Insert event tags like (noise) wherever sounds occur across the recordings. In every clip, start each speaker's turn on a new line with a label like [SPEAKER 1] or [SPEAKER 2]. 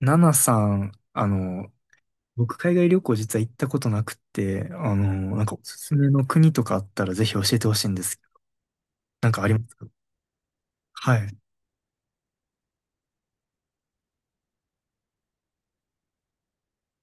[SPEAKER 1] ナナさん、僕海外旅行実は行ったことなくて、なんかおすすめの国とかあったらぜひ教えてほしいんですけど、なんかありますか？はい。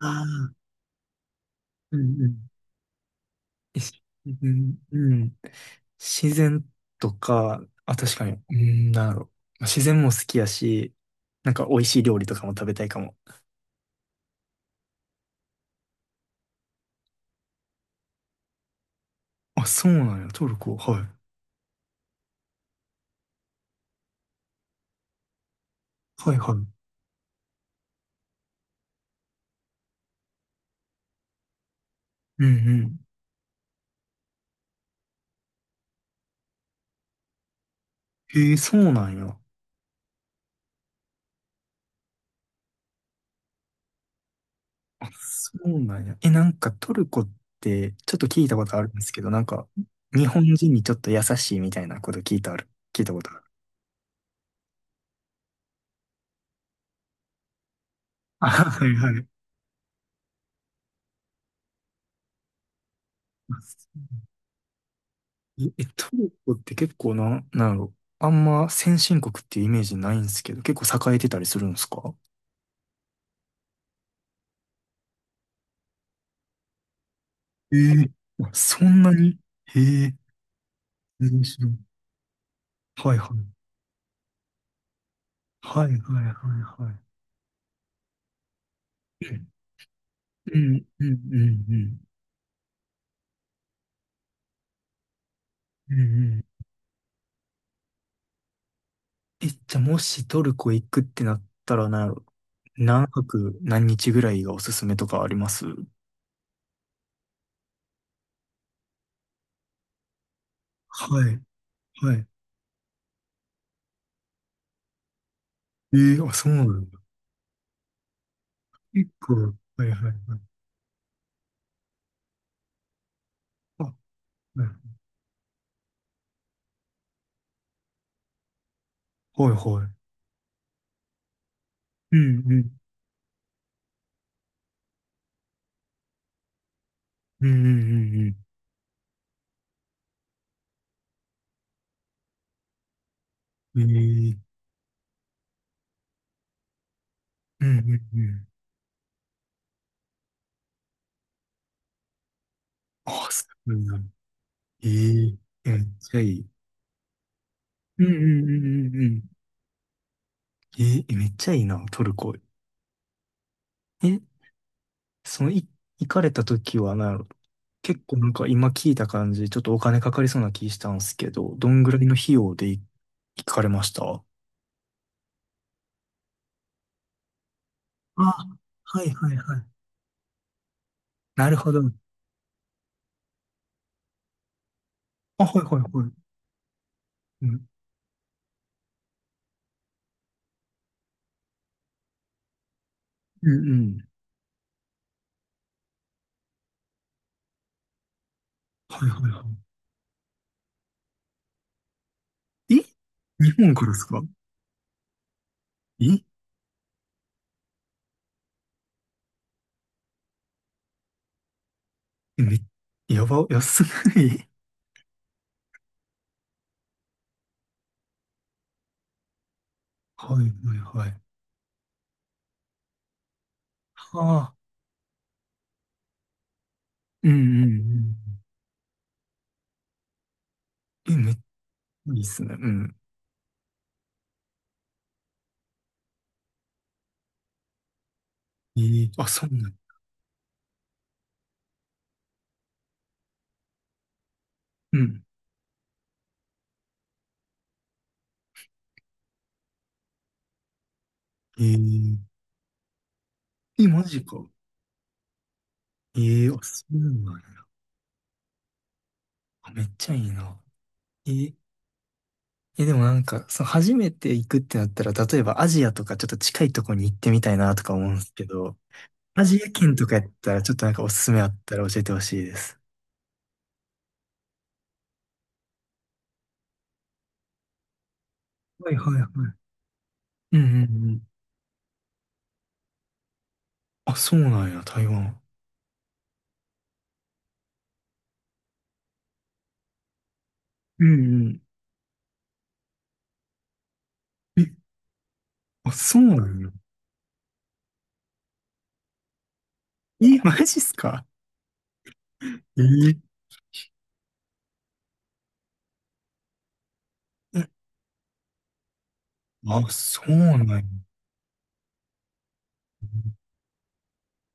[SPEAKER 1] ああ、うんうん。うん、うん。自然とか、あ、確かに、うん、なんだろう。まあ自然も好きやし、なんか美味しい料理とかも食べたいかも。あ、そうなんや、トルコ。はい。はいはい。うんうん。へえ、そうなんや。あ、そうなんや。え、なんかトルコってちょっと聞いたことあるんですけど、なんか日本人にちょっと優しいみたいなこと聞いたことある。あ、はいはい。トルコって結構な、なんやろ。あんま先進国っていうイメージないんですけど、結構栄えてたりするんですか？ええ、あ、そんなに。へえ、面白い。はいはい。はいはいはいはい。うん、うん、うん、うん、うん、うん、うん、うん。え、じゃあもしトルコ行くってなったら、なんやろ、何泊何日ぐらいがおすすめとかあります？はい、はい。えー、あ、そうなんだ。結構、はいはいはい。あ、はいはいはい。うんうん。うんうんうんうん。ええ、うんうんうん。あ、すごいな。えええめっちゃいい。うんうんうんうんうん。えーえめっちゃいいな、トルコ。え、その、い、行かれた時は、なんやろ、結構なんか今聞いた感じ、ちょっとお金かかりそうな気したんですけど、どんぐらいの費用で行かれました？あ、はいはいはい。なるほど。あ、はいはいはい。うん、うんうん。はいはいはい。日本からですか？ええ、やば、安ない。(laughs) はいはいはい。はあ。うんうんうん。え、めっちゃいいっすね。うん。あ、そうなん。うん。えーえ、マジか。ええー、あ、そうなんや。あ、めっちゃいいな。えー、え、でもなんか、その初めて行くってなったら、例えばアジアとかちょっと近いとこに行ってみたいなとか思うんですけど、アジア圏とかやったらちょっとなんかおすすめあったら教えてほしいです。はいはいはい。うんうんうん。あ、そうなんや、台湾。うんうん。え、あ、そうなんや。え、マジっすか？えーえあ、そうなんや。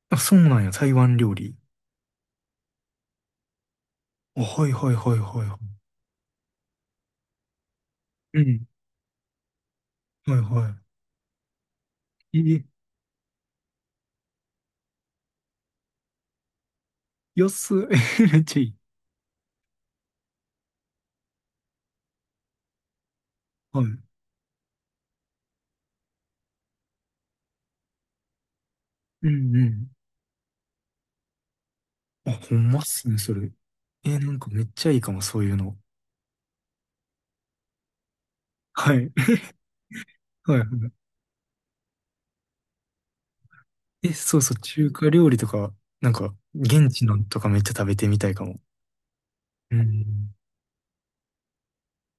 [SPEAKER 1] あ、そうなんや、台湾料理。あ、はいはいはいはいはい。うん。はいはい。安い。(laughs) めっちゃいい。はい。うんうん。あ、ほんまっすね、それ。なんかめっちゃいいかも、そういうの。はい。(laughs) はいはい。そうそう、中華料理とか、なんか、現地のとかめっちゃ食べてみたいかも。うん。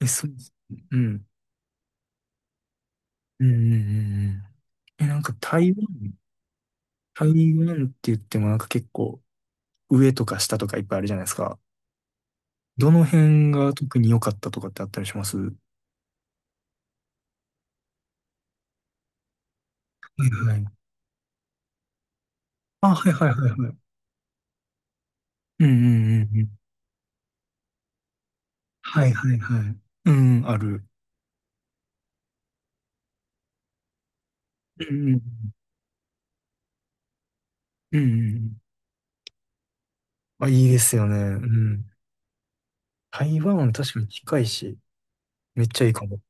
[SPEAKER 1] え、そうですね。うん。うんうんうんうん。え、なんか台湾って言ってもなんか結構、上とか下とかいっぱいあるじゃないですか。どの辺が特に良かったとかってあったりします？はいはい。あ、はいはいはいはい。うんうんうんうん。はいはいはい。うん、ある。うんうんうん。うんうんうん。あ、いいですよね。うん。台湾確かに近いし、めっちゃいいかも。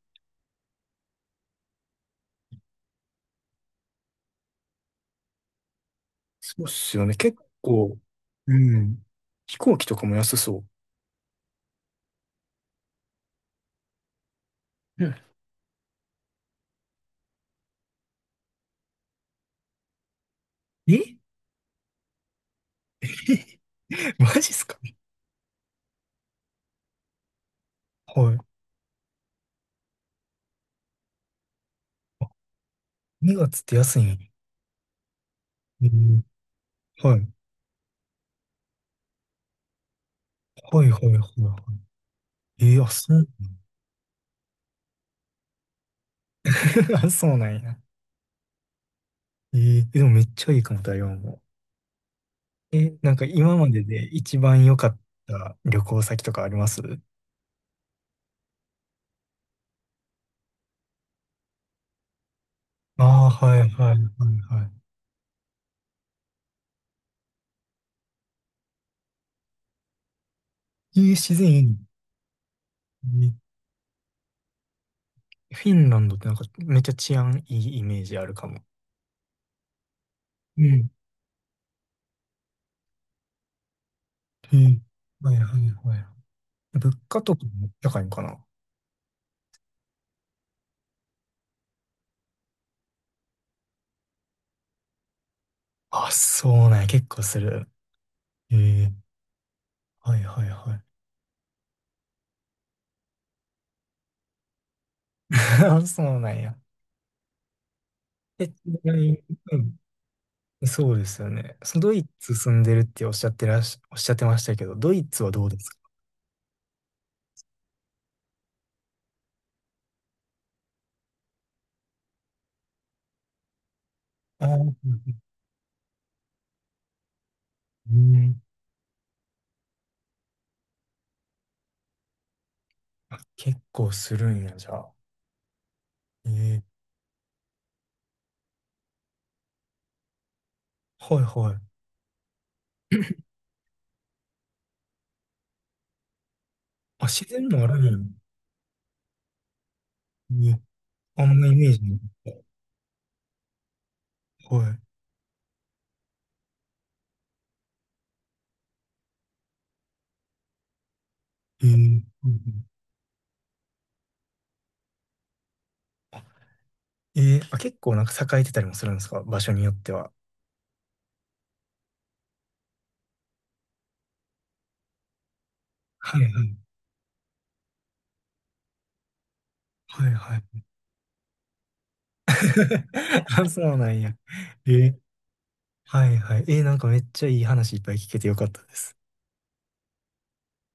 [SPEAKER 1] そうっすよね。結構、うん。飛行機とかも安そう。うん。え (laughs) マジっすか？はい。あ、2月って安いんや。えーはい。はいはいはいはい。あ、そう。(laughs) あ、そうなんや。えでもめっちゃいいかも、台湾も。なんか今までで一番良かった旅行先とかあります？ああ、はいはいはいはい。いい、自然いいの。いフィンランドってなんかめっちゃ治安いいイメージあるかも。うん。うん、はいはいはい。物価とかも高いんかな？あ、そうなんや。結構する。ええ、はいはいはい。(laughs) あ、そうなんや。え、ちなみに、うん。そうですよね。そのドイツ住んでるっておっしゃってましたけど、ドイツはどうですか？ああー、うん。うん。あ、結構するんや、じゃあ。ええ、はいはい。あ、自然もあるんや。ね、あんまイメージなかった。はい。うんうん、あ、あ、結構なんか栄えてたりもするんですか？場所によっては。はいはい。はいはい。(laughs) あ、そうなんや。えー、はいはい。なんかめっちゃいい話いっぱい聞けてよかったです。